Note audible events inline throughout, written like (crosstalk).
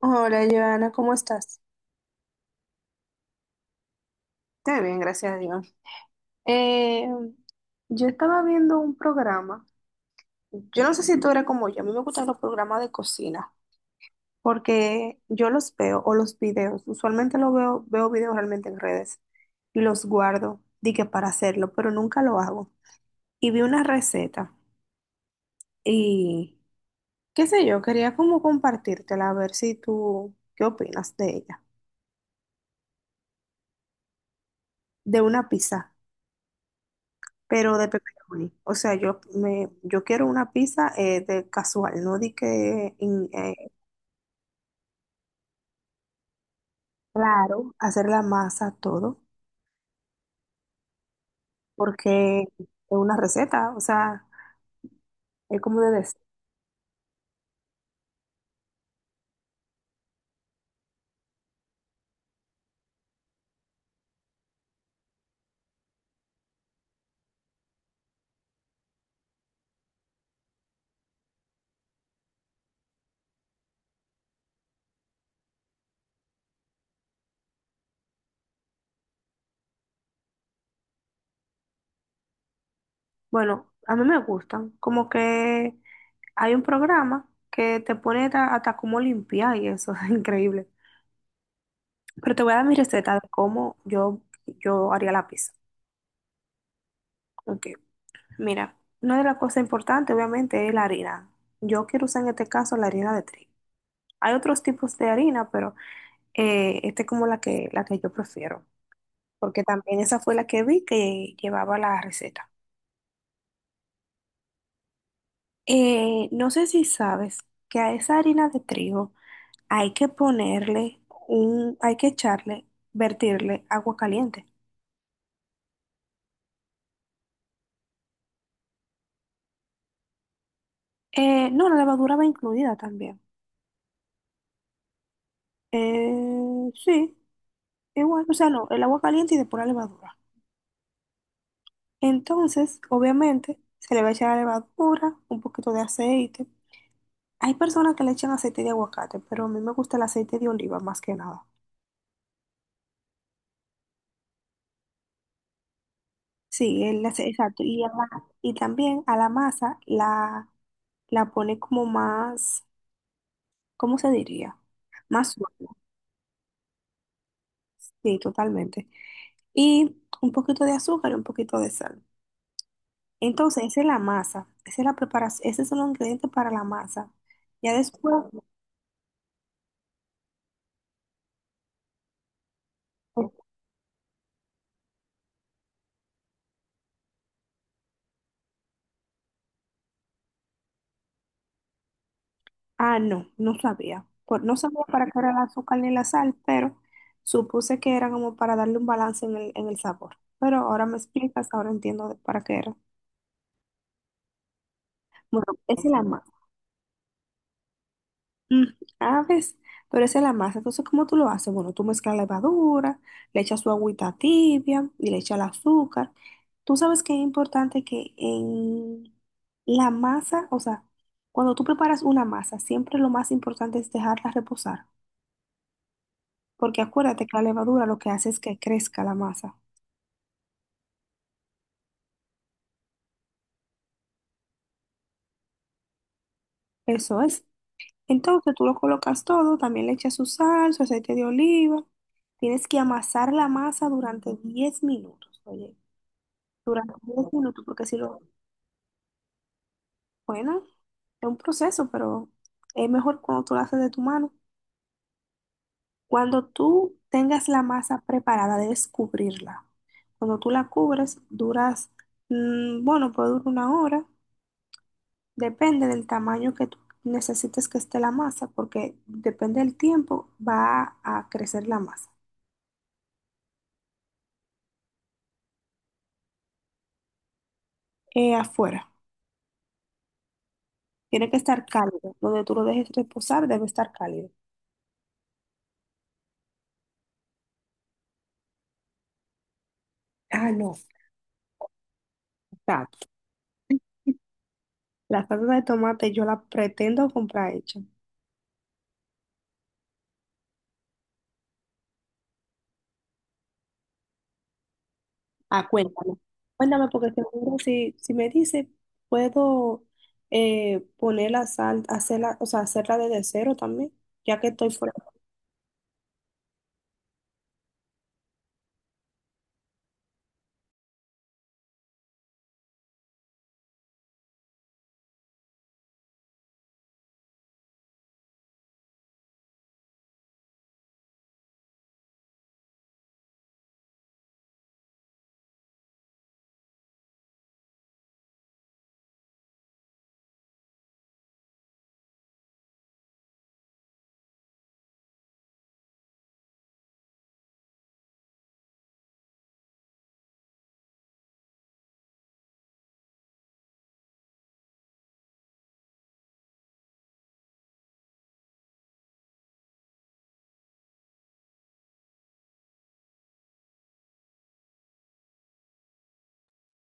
Hola, Joana, ¿cómo estás? Estoy bien, gracias a Dios. Eh, yo estaba viendo un programa. Yo no sé si tú eres como yo. A mí me gustan los programas de cocina porque yo los veo o los videos. Usualmente los veo videos realmente en redes y los guardo, di que para hacerlo, pero nunca lo hago. Y vi una receta y qué sé yo, quería como compartírtela a ver si tú, ¿qué opinas de ella? De una pizza, pero de pepperoni. O sea, yo quiero una pizza de casual, no di que claro, hacer la masa todo, porque es una receta, o sea, es como de decir. Bueno, a mí me gustan, como que hay un programa que te pone hasta cómo limpiar y eso (laughs) es increíble. Pero te voy a dar mi receta de cómo yo haría la pizza. Ok, mira, una de las cosas importantes obviamente es la harina. Yo quiero usar en este caso la harina de trigo. Hay otros tipos de harina, pero esta es como la que yo prefiero, porque también esa fue la que vi que llevaba la receta. No sé si sabes que a esa harina de trigo hay que hay que echarle, vertirle agua caliente. No, la levadura va incluida también. Sí, igual, o sea, no, el agua caliente y después la levadura. Entonces, obviamente, se le va a echar la levadura, un poquito de aceite. Hay personas que le echan aceite de aguacate, pero a mí me gusta el aceite de oliva más que nada. Sí, exacto. Y, y también a la pone como más, ¿cómo se diría? Más suave. Sí, totalmente. Y un poquito de azúcar y un poquito de sal. Entonces, esa es la masa. Esa es la preparación. Ese son los ingredientes para la masa. Ya después, ah, no, no sabía. Por, no sabía para qué era el azúcar ni la sal, pero supuse que era como para darle un balance en en el sabor. Pero ahora me explicas, ahora entiendo de para qué era. Bueno, esa es la masa. Mm, ah, ves, pero esa es la masa. Entonces, ¿cómo tú lo haces? Bueno, tú mezclas la levadura, le echas su agüita tibia y le echas el azúcar. Tú sabes que es importante que en la masa, o sea, cuando tú preparas una masa, siempre lo más importante es dejarla reposar. Porque acuérdate que la levadura lo que hace es que crezca la masa. Eso es. Entonces tú lo colocas todo, también le echas su sal, su aceite de oliva. Tienes que amasar la masa durante 10 minutos, oye, durante 10 minutos, porque si lo, bueno, es un proceso, pero es mejor cuando tú lo haces de tu mano. Cuando tú tengas la masa preparada, debes cubrirla. Cuando tú la cubres, bueno, puede durar una hora. Depende del tamaño que tú necesites que esté la masa, porque depende del tiempo va a crecer la masa. Afuera, tiene que estar cálido. Donde tú lo dejes reposar debe estar cálido. Ah, no, exacto. La salsa de tomate yo la pretendo comprar hecha. Ah, cuéntame. Cuéntame porque seguro si, si me dice, puedo poner la sal, hacerla, o sea, hacerla desde cero también, ya que estoy fuera.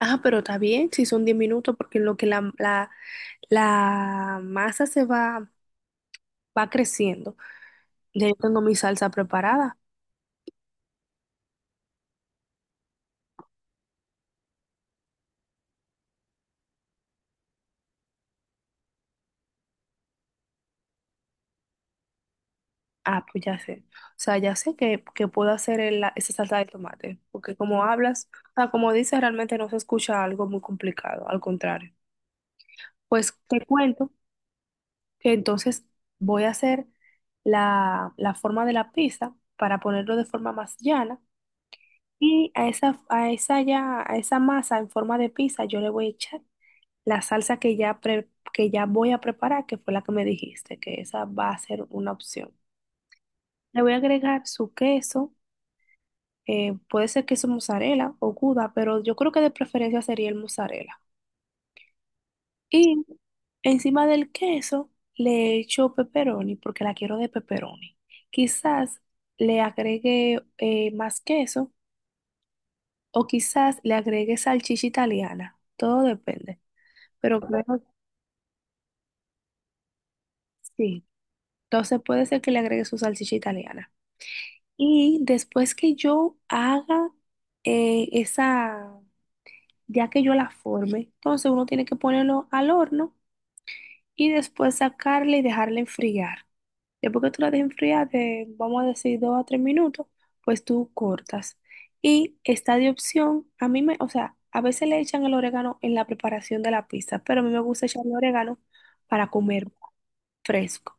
Ah, pero está bien, si son 10 minutos, porque en lo que la La masa va creciendo. Ya yo tengo mi salsa preparada. Ah, pues ya sé. O sea, ya sé que puedo hacer esa salsa de tomate. Porque como hablas, o sea, como dices, realmente no se escucha algo muy complicado. Al contrario. Pues te cuento que entonces voy a hacer la forma de la pizza para ponerlo de forma más llana. Y a esa masa en forma de pizza yo le voy a echar la salsa que ya voy a preparar, que fue la que me dijiste, que esa va a ser una opción. Le voy a agregar su queso, puede ser queso mozzarella o gouda, pero yo creo que de preferencia sería el mozzarella. Y encima del queso le echo pepperoni porque la quiero de pepperoni. Quizás le agregue más queso o quizás le agregue salchicha italiana, todo depende, pero creo que sí. Entonces puede ser que le agregue su salchicha italiana. Y después que yo haga eh, esa, ya que yo la forme, entonces uno tiene que ponerlo al horno y después sacarla y dejarla enfriar. Después que tú la dejes enfriar de, vamos a decir, 2 a 3 minutos, pues tú cortas. Y está de opción, o sea, a veces le echan el orégano en la preparación de la pizza, pero a mí me gusta echarle orégano para comer fresco.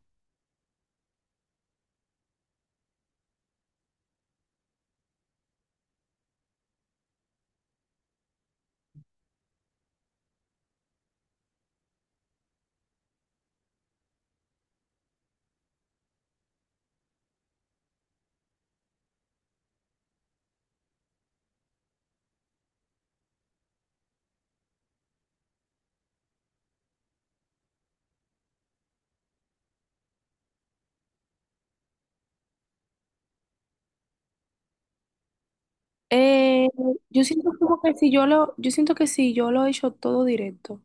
Eh, yo siento como que si yo lo, yo siento que si yo lo echo todo directo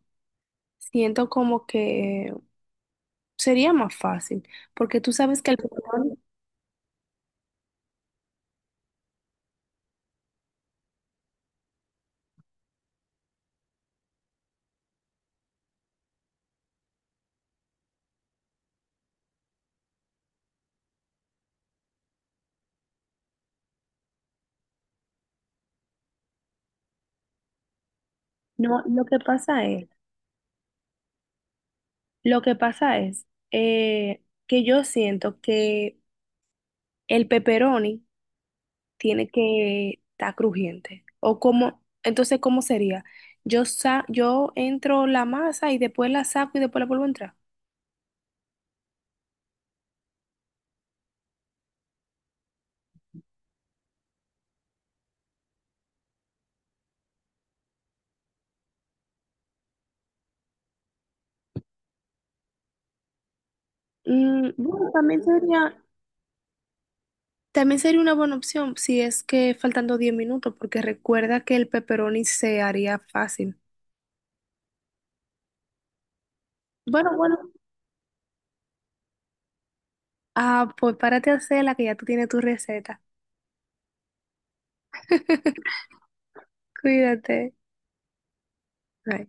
siento como que sería más fácil, porque tú sabes que el control, no, lo que pasa es que yo siento que el pepperoni tiene que estar crujiente, o como, entonces, ¿cómo sería? Yo entro la masa y después la saco y después la vuelvo a entrar. Bueno, también sería una buena opción si es que faltando 10 minutos, porque recuerda que el pepperoni se haría fácil. Bueno, bueno. Ah, pues párate a hacerla que ya tú tienes tu receta. (laughs) Cuídate. Bye.